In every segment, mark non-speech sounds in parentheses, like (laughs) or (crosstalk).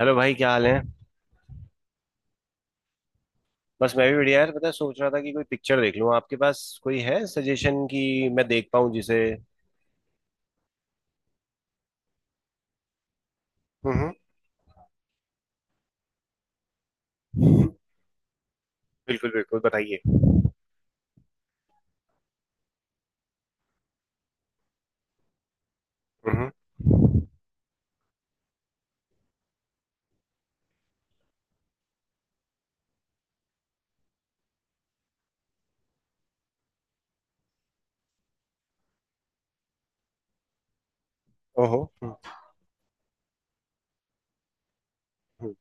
Hello भाई, क्या हाल है। बस मैं भी बढ़िया यार, पता है सोच रहा था कि कोई पिक्चर देख लूं। आपके पास कोई है सजेशन कि मैं देख पाऊं जिसे। हम्म। बिल्कुल बिल्कुल, बताइए। हम्म हम्म। ओहो हम्म। हम्म,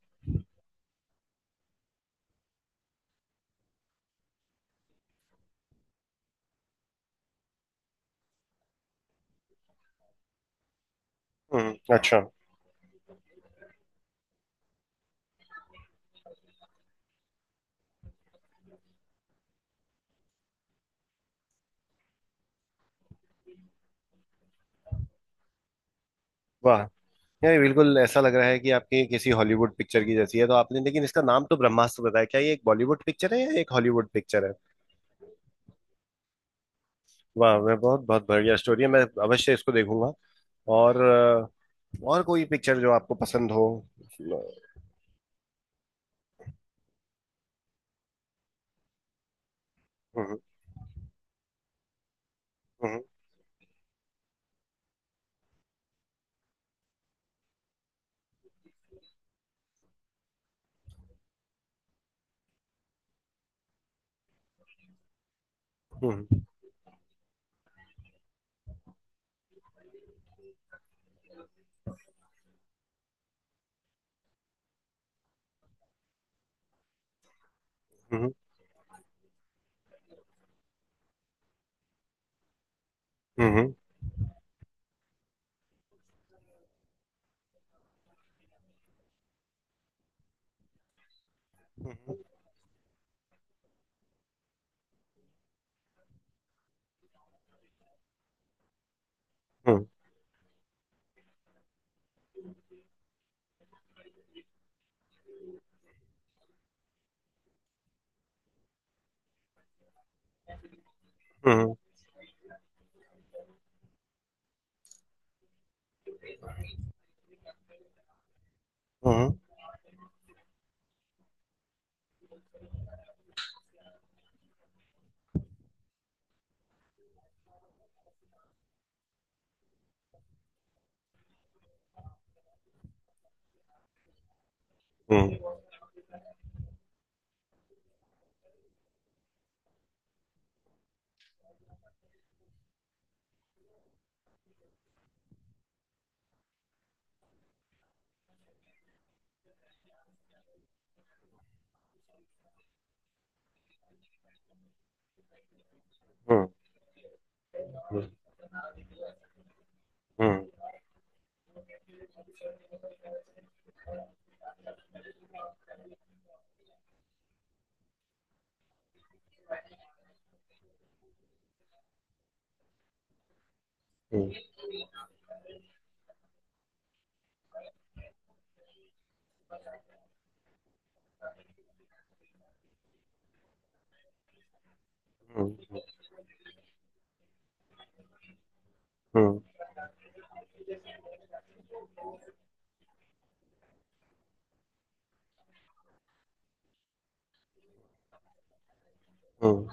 अच्छा। वाह यार, ये बिल्कुल ऐसा लग रहा है कि आपकी किसी हॉलीवुड पिक्चर की जैसी है तो आपने। लेकिन इसका नाम तो ब्रह्मास्त्र बताया, क्या ये एक बॉलीवुड पिक्चर है या एक हॉलीवुड पिक्चर है? वाह। मैं बहुत बहुत बढ़िया स्टोरी है, मैं अवश्य इसको देखूंगा। और और कोई पिक्चर जो आपको पसंद हो। हम्म। हम्म। हम्म। हम्म। हम्म, हम्म, हम्म। हम्म। हम्म। हम्म। हम्म। हम्म। हम्म। हम्म। हम्म। हम्म। हम्म।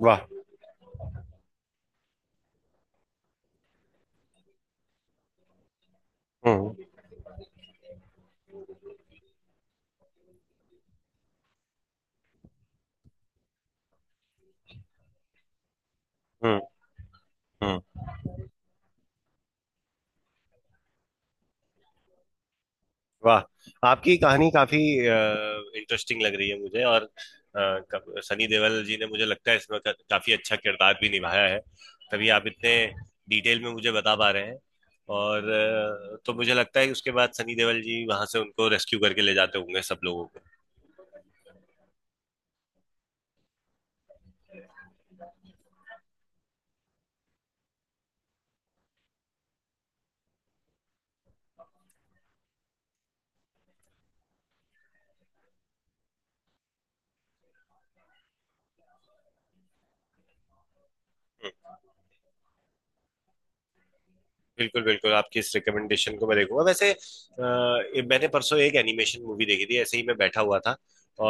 वाह। हम्म। हम्म। हम्म। वाह। आपकी कहानी काफी इंटरेस्टिंग लग रही है मुझे, और अ, सनी देओल जी ने मुझे लगता है इसमें काफी अच्छा किरदार भी निभाया है, तभी आप इतने डिटेल में मुझे बता पा रहे हैं। और तो मुझे लगता है कि उसके बाद सनी देओल जी वहां से उनको रेस्क्यू करके ले जाते होंगे सब लोगों। बिल्कुल बिल्कुल, आपकी इस रिकमेंडेशन को मैं देखूंगा। वैसे ये मैंने परसों एक एनिमेशन मूवी देखी थी, ऐसे ही मैं बैठा हुआ था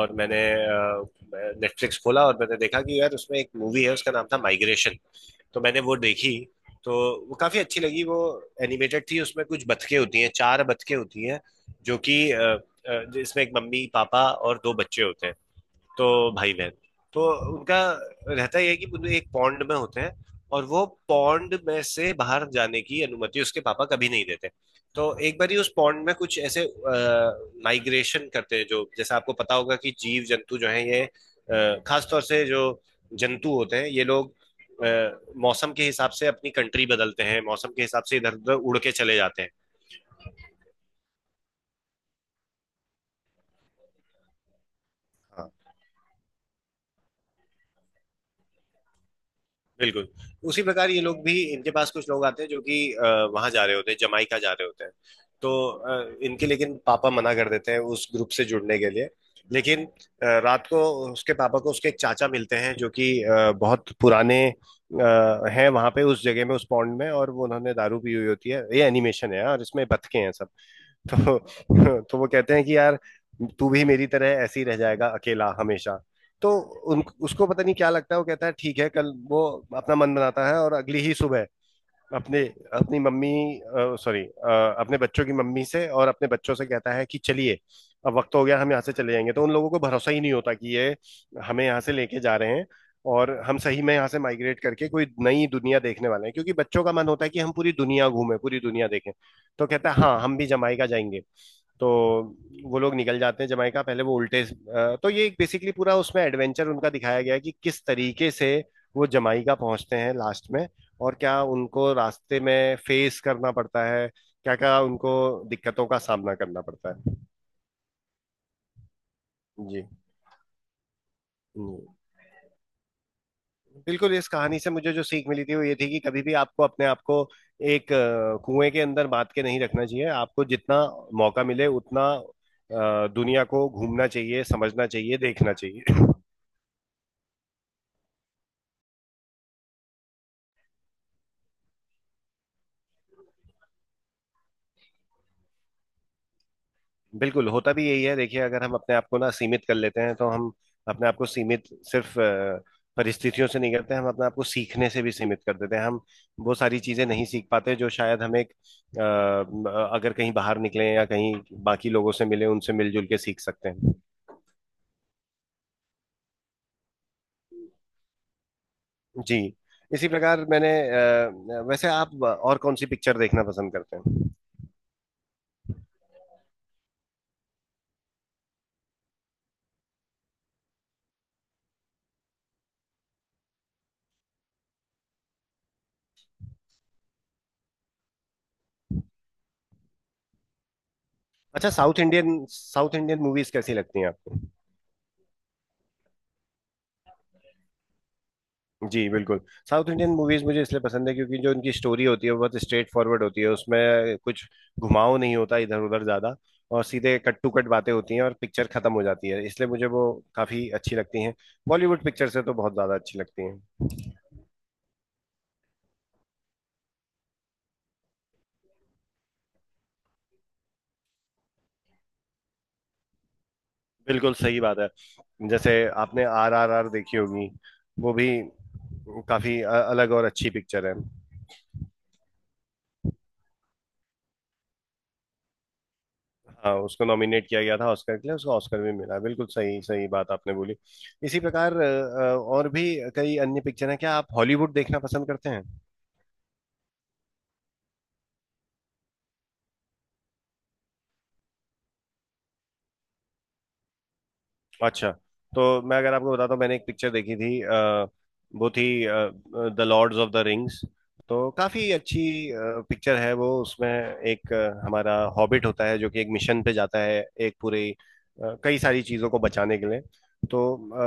और मैंने नेटफ्लिक्स खोला और मैंने देखा कि यार उसमें एक मूवी है, उसका नाम था माइग्रेशन। तो मैंने वो देखी। तो वो काफी अच्छी लगी वो। एनिमेटेड थी, उसमें कुछ बतखें होती हैं, चार बतखें होती हैं, जो कि इसमें एक मम्मी पापा और दो बच्चे होते हैं। तो भाई बहन। तो उनका रहता यह है कि वो एक पॉन्ड में होते हैं, और वो पॉन्ड में से बाहर जाने की अनुमति उसके पापा कभी नहीं देते। तो एक बार ही उस पॉन्ड में कुछ ऐसे माइग्रेशन करते हैं, जो जैसे आपको पता होगा कि जीव जंतु जो है ये खासतौर से जो जंतु होते हैं, ये लोग अ, मौसम के हिसाब से अपनी कंट्री बदलते हैं, मौसम के हिसाब से इधर उधर उड़ के चले जाते हैं। बिल्कुल उसी प्रकार ये लोग भी, इनके पास कुछ लोग आते हैं जो कि वहां जा रहे होते हैं, जमाइका जा रहे होते हैं। तो इनके लेकिन पापा मना कर देते हैं उस ग्रुप से जुड़ने के लिए। लेकिन रात को उसके पापा को उसके एक चाचा मिलते हैं, जो कि बहुत पुराने हैं वहां पे उस जगह में उस पॉन्ड में, और वो उन्होंने दारू पी हुई होती है, ये एनिमेशन है और इसमें बतखे हैं सब। (laughs) तो वो कहते हैं कि यार, तू भी मेरी तरह ऐसे ही रह जाएगा अकेला हमेशा। तो उन उसको पता नहीं क्या लगता है, वो कहता है ठीक है। कल वो अपना मन बनाता है, और अगली ही सुबह अपने, अपनी मम्मी, सॉरी, अपने बच्चों की मम्मी से और अपने बच्चों से कहता है कि चलिए अब वक्त हो गया, हम यहाँ से चले जाएंगे। तो उन लोगों को भरोसा ही नहीं होता कि ये हमें यहाँ से लेके जा रहे हैं, और हम सही में यहाँ से माइग्रेट करके कोई नई दुनिया देखने वाले हैं, क्योंकि बच्चों का मन होता है कि हम पूरी दुनिया घूमें, पूरी दुनिया देखें। तो कहता है हाँ हम भी जमाइका जाएंगे। तो वो लोग निकल जाते हैं जमाइका। पहले वो उल्टे तो ये बेसिकली पूरा उसमें एडवेंचर उनका दिखाया गया है कि किस तरीके से वो जमाइका पहुंचते हैं लास्ट में, और क्या उनको रास्ते में फेस करना पड़ता है, क्या क्या उनको दिक्कतों का सामना करना पड़ता है। जी। जी। बिल्कुल, इस कहानी से मुझे जो सीख मिली थी वो ये थी कि कभी भी आपको अपने आप को एक कुएं के अंदर बांध के नहीं रखना चाहिए। आपको जितना मौका मिले उतना दुनिया को घूमना चाहिए, समझना चाहिए, देखना चाहिए। बिल्कुल होता भी यही है। देखिए अगर हम अपने आप को ना सीमित कर लेते हैं, तो हम अपने आप को सीमित सिर्फ परिस्थितियों से नहीं करते, हम अपने आप को सीखने से भी सीमित कर देते हैं। हम वो सारी चीजें नहीं सीख पाते जो शायद हम एक अगर कहीं बाहर निकले या कहीं बाकी लोगों से मिले, उनसे मिलजुल के सीख सकते हैं। जी। इसी प्रकार मैंने वैसे आप और कौन सी पिक्चर देखना पसंद करते हैं? अच्छा। South Indian, south Indian movies कैसी लगती हैं आपको? जी बिल्कुल। साउथ इंडियन मूवीज मुझे इसलिए पसंद है क्योंकि जो उनकी स्टोरी होती है वो बहुत स्ट्रेट फॉरवर्ड होती है, उसमें कुछ घुमाव नहीं होता इधर उधर ज्यादा, और सीधे कट टू कट बातें होती हैं और पिक्चर खत्म हो जाती है, इसलिए मुझे वो काफी अच्छी लगती हैं। बॉलीवुड पिक्चर से तो बहुत ज्यादा अच्छी लगती हैं। बिल्कुल सही बात है। जैसे आपने RRR देखी होगी, वो भी काफी अलग और अच्छी पिक्चर है। हाँ उसको नॉमिनेट किया गया था ऑस्कर के लिए, उसको ऑस्कर भी मिला, बिल्कुल सही सही बात आपने बोली। इसी प्रकार और भी कई अन्य पिक्चर हैं। क्या आप हॉलीवुड देखना पसंद करते हैं? अच्छा। तो मैं अगर आपको बताता हूँ, मैंने एक पिक्चर देखी थी वो थी the lords of the rings. तो काफी अच्छी पिक्चर है वो। उसमें एक हमारा हॉबिट होता है जो कि एक मिशन पे जाता है एक पूरी कई सारी चीजों को बचाने के लिए। तो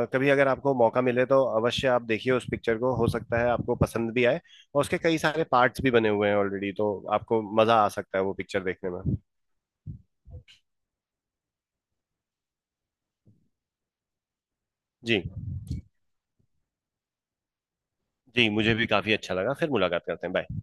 कभी अगर आपको मौका मिले तो अवश्य आप देखिए उस पिक्चर को, हो सकता है आपको पसंद भी आए। और उसके कई सारे पार्ट्स भी बने हुए हैं ऑलरेडी, तो आपको मजा आ सकता है वो पिक्चर देखने में। जी। जी, मुझे भी काफी अच्छा लगा, फिर मुलाकात करते हैं, बाय।